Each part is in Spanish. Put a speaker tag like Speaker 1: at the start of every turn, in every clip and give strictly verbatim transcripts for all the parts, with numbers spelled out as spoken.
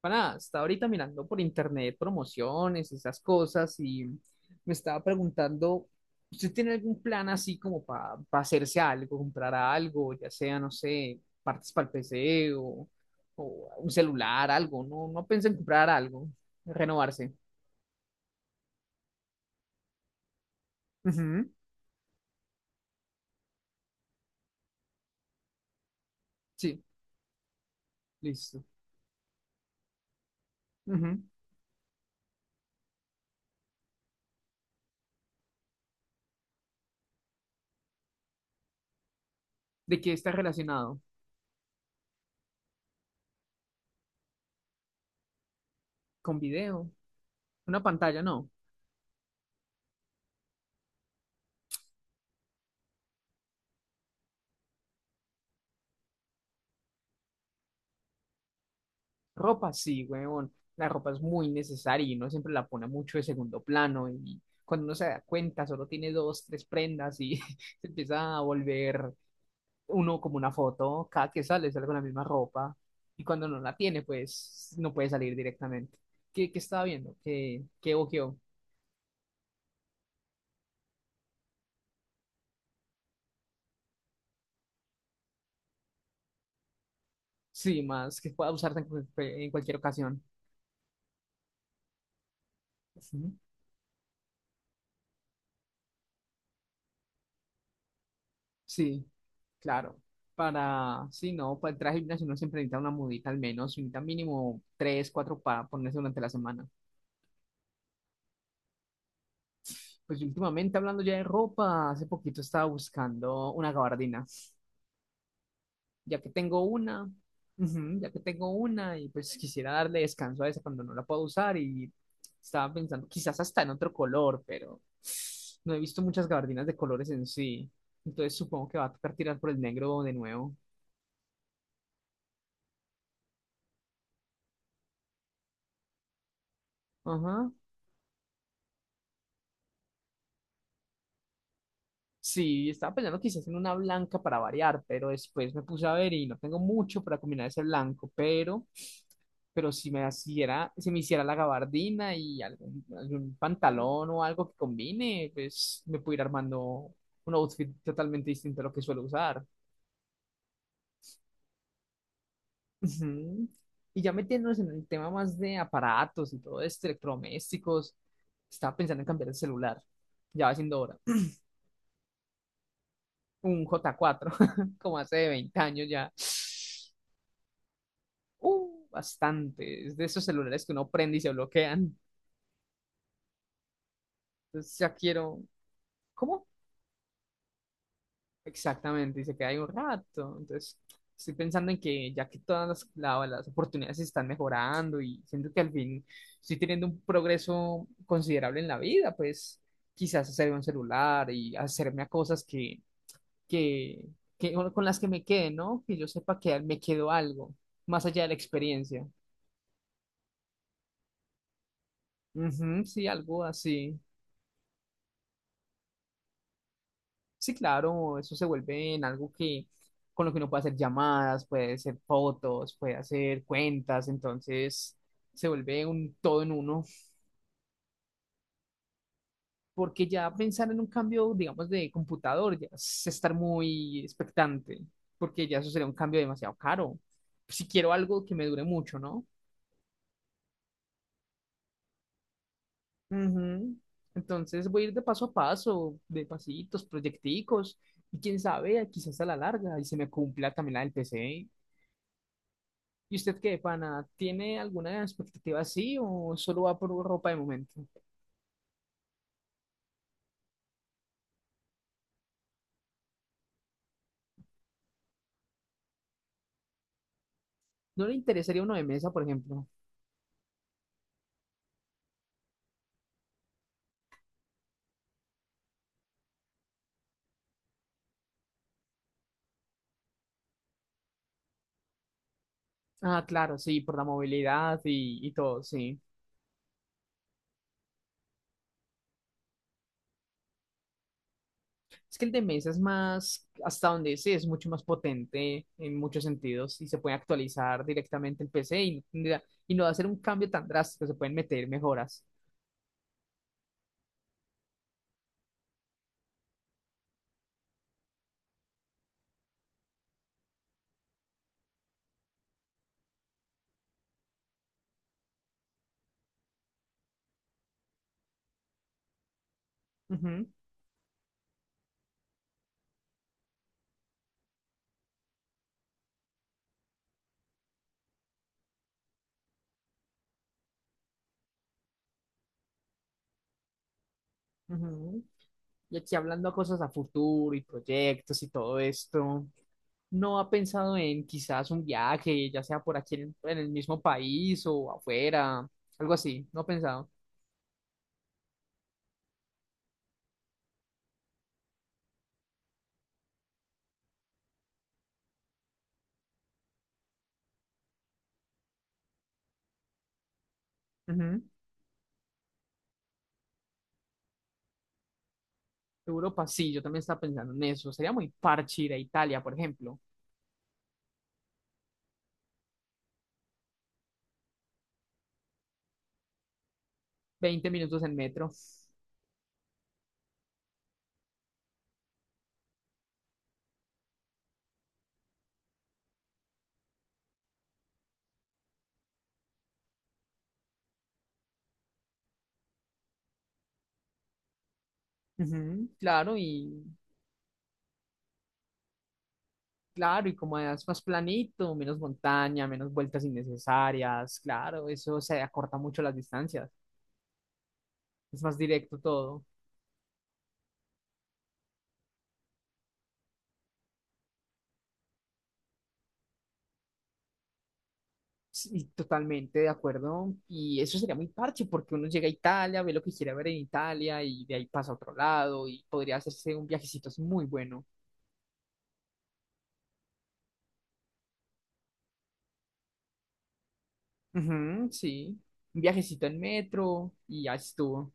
Speaker 1: Para, estaba ahorita mirando por internet promociones, esas cosas, y me estaba preguntando, ¿usted tiene algún plan así como para hacerse algo, comprar algo, ya sea, no sé, partes para el P C o, o un celular, algo? No, no pensé en comprar algo, renovarse. Ujú. Sí, listo. Ujú. ¿De qué está relacionado? ¿Con video? ¿Una pantalla? No. Ropa, sí, weón. La ropa es muy necesaria y uno siempre la pone mucho de segundo plano y cuando uno se da cuenta solo tiene dos, tres prendas y se empieza a volver uno como una foto. Cada que sale, sale con la misma ropa y cuando no la tiene, pues no puede salir directamente. ¿Qué, qué estaba viendo? ¿Qué, qué ojeó? Sí, más que pueda usarse en, cu- en cualquier ocasión. Ujú. Sí. Claro, para, sí, no, para entrar al gimnasio uno siempre necesita una mudita al menos, necesita mínimo tres, cuatro para ponerse durante la semana. Pues últimamente hablando ya de ropa, hace poquito estaba buscando una gabardina, ya que tengo una, ujú, ya que tengo una y pues quisiera darle descanso a esa cuando no la puedo usar y estaba pensando quizás hasta en otro color, pero no he visto muchas gabardinas de colores en sí, entonces supongo que va a tocar tirar por el negro de nuevo. Ajá. Sí, estaba pensando quizás en una blanca para variar, pero después me puse a ver y no tengo mucho para combinar ese blanco, pero, pero si me hiciera, si me hiciera la gabardina y algún, algún pantalón o algo que combine, pues me puedo ir armando un outfit totalmente distinto a lo que suelo usar. Ujú. Y ya metiéndonos en el tema más de aparatos y todo esto, electrodomésticos, estaba pensando en cambiar el celular. Ya va siendo hora. Un J cuatro, como hace veinte años ya. Uh, bastante. Es de esos celulares que uno prende y se bloquean. Entonces ya quiero. ¿Cómo? Exactamente. Y se queda ahí un rato. Entonces estoy pensando en que ya que todas las, la- las oportunidades se están mejorando y siento que al fin estoy teniendo un progreso considerable en la vida, pues quizás hacerme un celular y hacerme a cosas que, que, que con las que me quede, ¿no? Que yo sepa que me quedó algo, más allá de la experiencia. Ujú, sí, algo así. Sí, claro, eso se vuelve en algo que con lo que uno puede hacer llamadas, puede hacer fotos, puede hacer cuentas, entonces se vuelve un todo en uno, porque ya pensar en un cambio, digamos, de computador ya es estar muy expectante, porque ya eso sería un cambio demasiado caro. Si quiero algo que me dure mucho, ¿no? Ujú. Entonces voy a ir de paso a paso, de pasitos, proyecticos, y quién sabe, quizás a la larga, y se me cumpla también la del P C. ¿Y usted qué, pana? ¿Tiene alguna expectativa así o solo va por ropa de momento? ¿No le interesaría uno de mesa, por ejemplo? Ah, claro, sí, por la movilidad y, y todo, sí. Es que el de mesa es más, hasta donde sé, es mucho más potente en muchos sentidos y se puede actualizar directamente el P C y, no tendría- y no va a ser un cambio tan drástico, se pueden meter mejoras. Ujú, ujú. Y aquí hablando a cosas a futuro y proyectos y todo esto, ¿no ha pensado en quizás un viaje, ya sea por aquí en, en el mismo país o afuera, algo así? ¿No ha pensado? Ujú. Europa, sí, yo también estaba pensando en eso. Sería muy parche ir a Italia, por ejemplo. veinte minutos en metro. Ujú. Claro, y claro, y como es más planito, menos montaña, menos vueltas innecesarias, claro, eso se acorta mucho las distancias. Es más directo todo. Sí, totalmente de acuerdo. Y eso sería muy parche porque uno llega a Italia, ve lo que quiere ver en Italia y de ahí pasa a otro lado y podría hacerse un viajecito es muy bueno. Ujú, sí, un viajecito en metro y ya estuvo.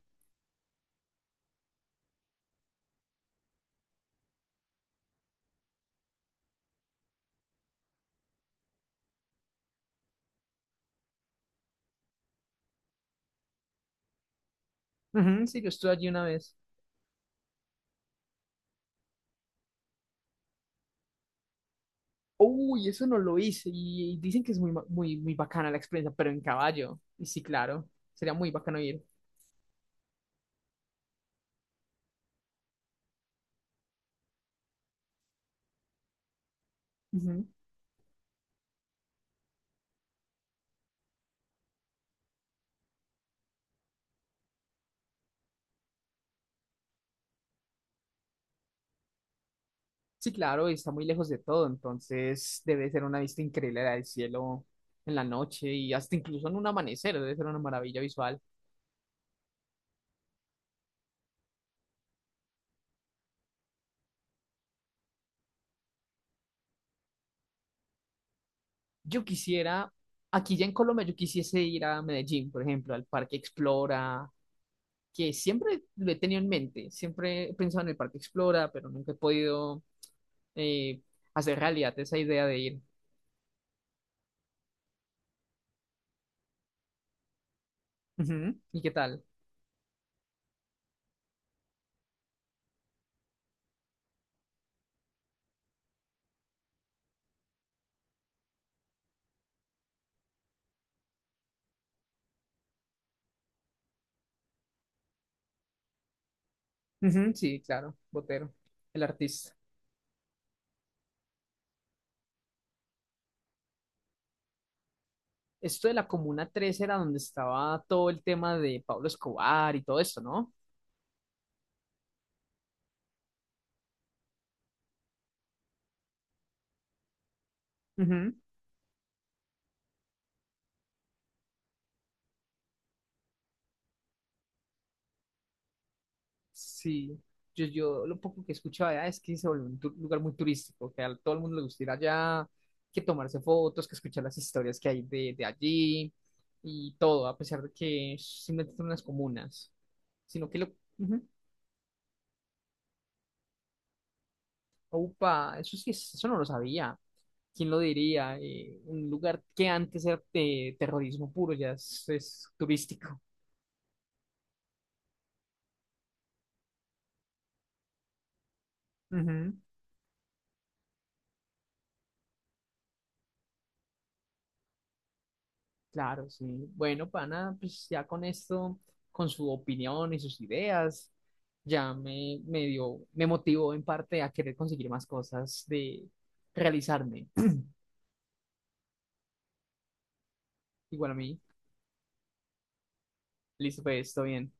Speaker 1: Ujú, sí, yo estuve allí una vez. Uy, eso no lo hice y, y dicen que es muy, ma- muy, muy bacana la experiencia, pero en caballo. Y sí, claro, sería muy bacano ir. Sí, claro, y está muy lejos de todo, entonces debe ser una vista increíble la del cielo en la noche y hasta incluso en un amanecer, debe ser una maravilla visual. Yo quisiera, aquí ya en Colombia, yo quisiese ir a Medellín, por ejemplo, al Parque Explora, que siempre lo he tenido en mente, siempre he pensado en el Parque Explora, pero nunca he podido eh, hacer realidad esa idea de ir. Ujú. ¿Y qué tal? Ujú, sí, claro, Botero, el artista. Esto de la Comuna Tres era donde estaba todo el tema de Pablo Escobar y todo esto, ¿no? Ujú. Sí, yo, yo lo poco que escuchaba allá es que se volvió un tu- lugar muy turístico, que a todo el mundo le gusta ir allá, que tomarse fotos, que escuchar las historias que hay de, de allí y todo, a pesar de que simplemente son unas comunas, sino que lo... ujú. Upa, eso sí, es- eso no lo sabía. ¿Quién lo diría? Eh, un lugar que antes era de terrorismo puro ya es, es turístico. Ujú. Claro, sí. Bueno, pana, pues ya con esto, con su opinión y sus ideas, ya me, me dio, me motivó en parte a querer conseguir más cosas de realizarme. Igual a mí. Listo, pues, todo bien.